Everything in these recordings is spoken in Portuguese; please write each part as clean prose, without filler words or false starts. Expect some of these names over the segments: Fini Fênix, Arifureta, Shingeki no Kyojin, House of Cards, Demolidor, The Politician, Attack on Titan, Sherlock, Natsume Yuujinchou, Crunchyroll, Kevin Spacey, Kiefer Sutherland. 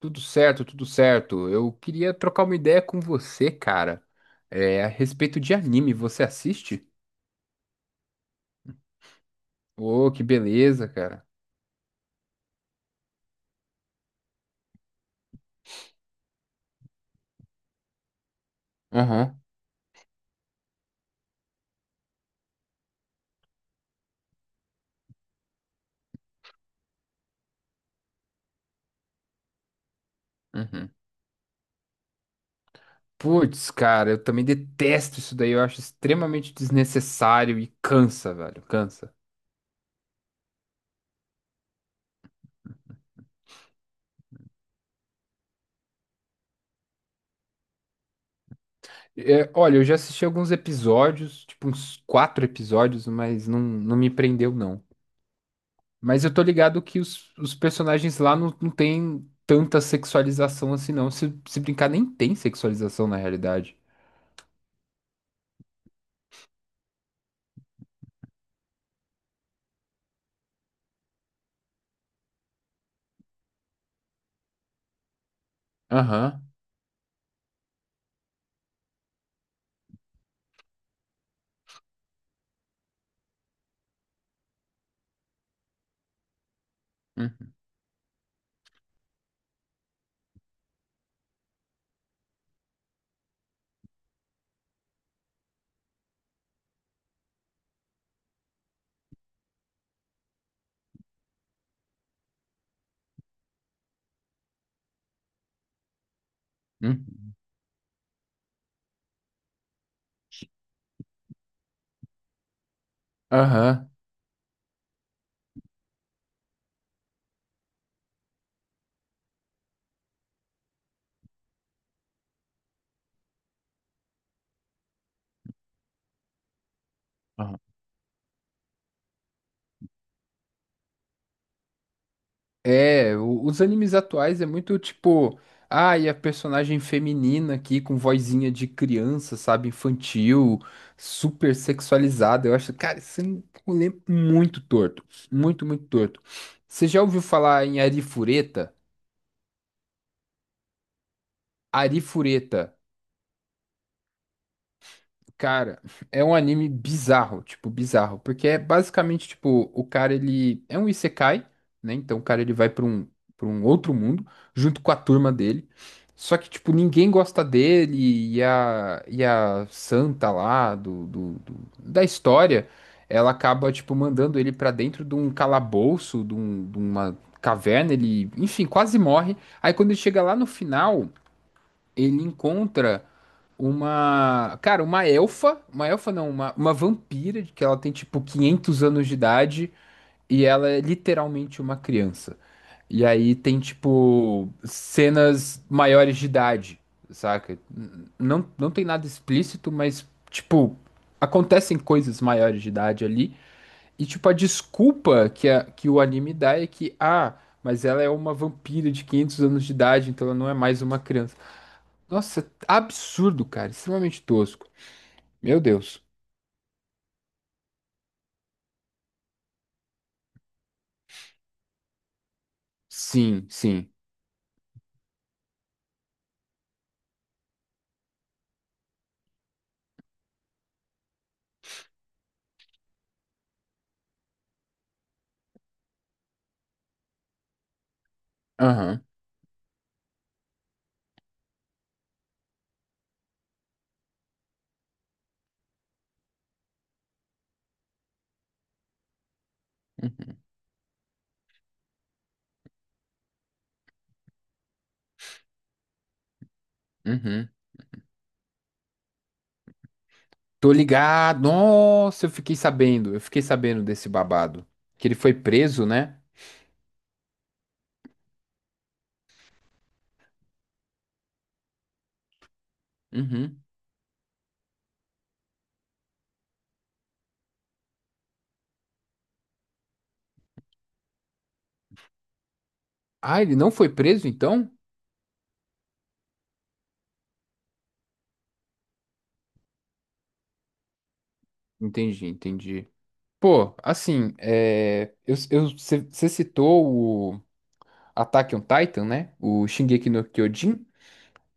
Tudo certo, tudo certo. Eu queria trocar uma ideia com você, cara. É, a respeito de anime, você assiste? Ô, que beleza, cara. Aham. Uhum. Putz, cara, eu também detesto isso daí. Eu acho extremamente desnecessário e cansa, velho. Cansa. É, olha, eu já assisti alguns episódios, tipo uns quatro episódios, mas não me prendeu, não. Mas eu tô ligado que os personagens lá não tem tanta sexualização assim, não. Se brincar, nem tem sexualização na realidade. Aham. Uhum. Uhum. Aham. Aham. É, os animes atuais é muito tipo, ah, e a personagem feminina aqui com vozinha de criança, sabe, infantil, super sexualizada. Eu acho, cara, isso é um rolê é muito torto, muito, muito torto. Você já ouviu falar em Arifureta? Arifureta. Cara, é um anime bizarro, tipo, bizarro, porque é basicamente, tipo, o cara, ele é um isekai, né? Então o cara, ele vai pra pra um outro mundo, junto com a turma dele, só que, tipo, ninguém gosta dele, e a santa lá da história, ela acaba, tipo, mandando ele pra dentro de um calabouço, de, de uma caverna, ele, enfim, quase morre, aí quando ele chega lá no final, ele encontra uma. Cara, uma elfa. Uma elfa não, uma vampira, de que ela tem tipo 500 anos de idade e ela é literalmente uma criança. E aí tem tipo cenas maiores de idade, saca? Não tem nada explícito, mas tipo acontecem coisas maiores de idade ali. E tipo a desculpa que, a, que o anime dá é que, ah, mas ela é uma vampira de 500 anos de idade, então ela não é mais uma criança. Nossa, é absurdo, cara, extremamente tosco. Meu Deus. Sim, sim. Aham. Uhum. Tô ligado. Nossa, eu fiquei sabendo. Eu fiquei sabendo desse babado. Que ele foi preso, né? Uhum. Ah, ele não foi preso, então? Entendi, entendi. Pô, assim, é, você citou o Attack on Titan, né? O Shingeki no Kyojin.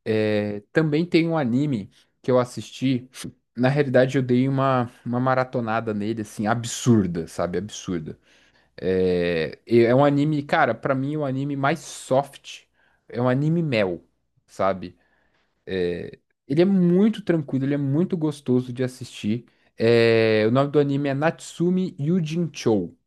É, também tem um anime que eu assisti. Na realidade, eu dei uma maratonada nele, assim, absurda, sabe? Absurda. É, é um anime, cara, pra mim é um anime mais soft. É um anime mel, sabe? Ele é muito tranquilo, ele é muito gostoso de assistir. É, o nome do anime é Natsume Yuujinchou.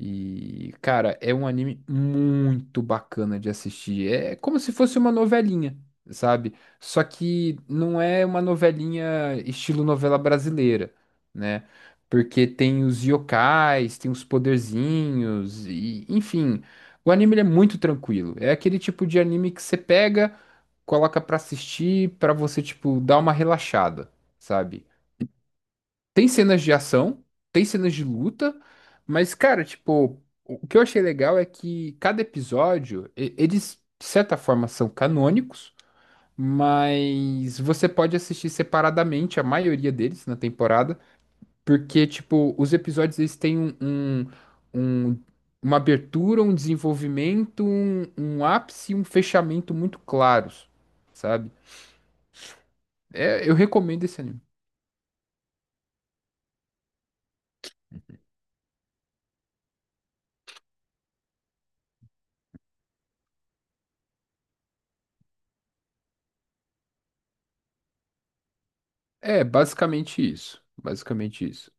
E, cara, é um anime muito bacana de assistir. É como se fosse uma novelinha, sabe? Só que não é uma novelinha estilo novela brasileira, né? Porque tem os yokais, tem os poderzinhos, e, enfim. O anime ele é muito tranquilo. É aquele tipo de anime que você pega, coloca pra assistir, pra você, tipo, dar uma relaxada, sabe? Tem cenas de ação, tem cenas de luta, mas, cara, tipo, o que eu achei legal é que cada episódio, eles, de certa forma, são canônicos, mas você pode assistir separadamente a maioria deles na temporada, porque, tipo, os episódios, eles têm um- uma abertura, um desenvolvimento, um ápice e um fechamento muito claros, sabe? É, eu recomendo esse anime. É, basicamente isso. Basicamente isso.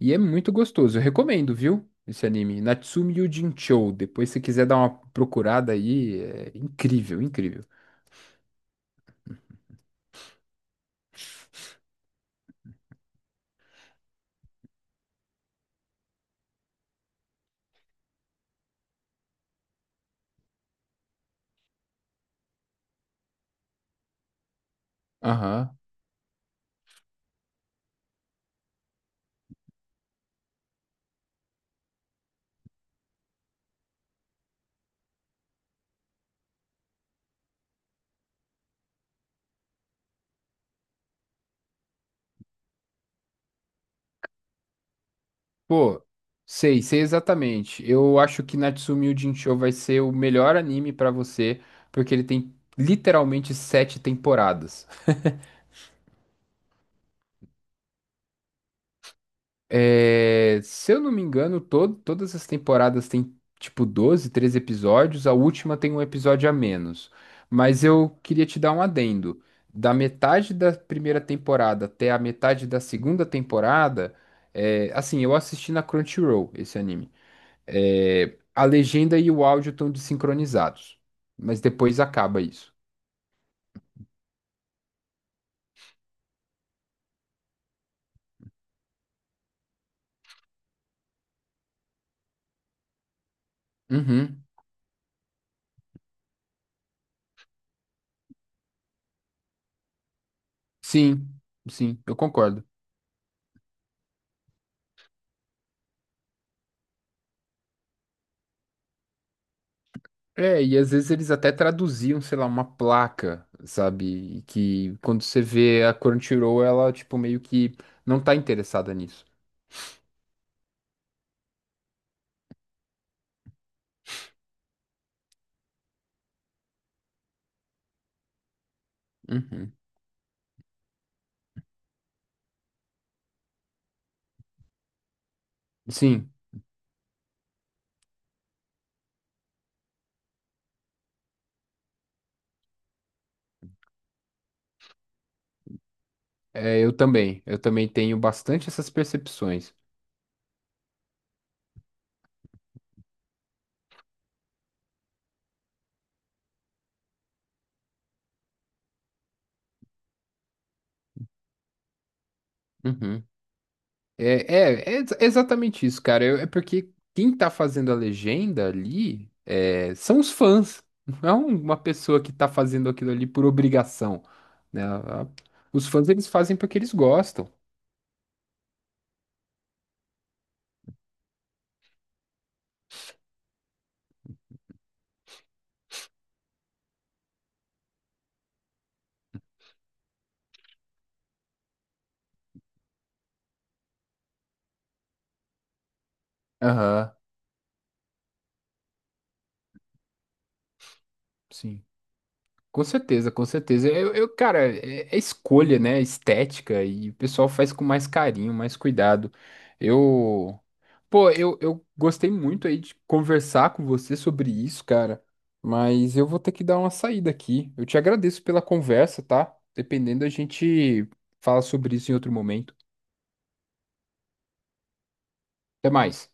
E é muito gostoso. Eu recomendo, viu? Esse anime, Natsume Yuujinchou. Depois, se quiser dar uma procurada aí, é incrível, incrível. Aham. Pô, sei, sei exatamente. Eu acho que Natsume Yuujinchou vai ser o melhor anime pra você, porque ele tem literalmente 7 temporadas. É, se eu não me engano, todas as temporadas têm tipo 12, 13 episódios, a última tem um episódio a menos. Mas eu queria te dar um adendo. Da metade da primeira temporada até a metade da segunda temporada, é, assim, eu assisti na Crunchyroll esse anime. É, a legenda e o áudio estão desincronizados, mas depois acaba isso. Uhum. Sim, sim, eu concordo. É, e às vezes eles até traduziam, sei lá, uma placa, sabe? E que quando você vê a Crunchyroll, ela, tipo, meio que não tá interessada nisso. Uhum. Sim, é, eu também. Eu também tenho bastante essas percepções. Uhum. É, é exatamente isso, cara. É porque quem tá fazendo a legenda ali é, são os fãs. Não é um, uma pessoa que tá fazendo aquilo ali por obrigação, né? Os fãs, eles fazem porque eles gostam. Aham, sim. Com certeza, com certeza. Cara, é, é escolha, né? Estética e o pessoal faz com mais carinho, mais cuidado. Eu, pô, eu gostei muito aí de conversar com você sobre isso, cara. Mas eu vou ter que dar uma saída aqui. Eu te agradeço pela conversa, tá? Dependendo, a gente fala sobre isso em outro momento. Até mais.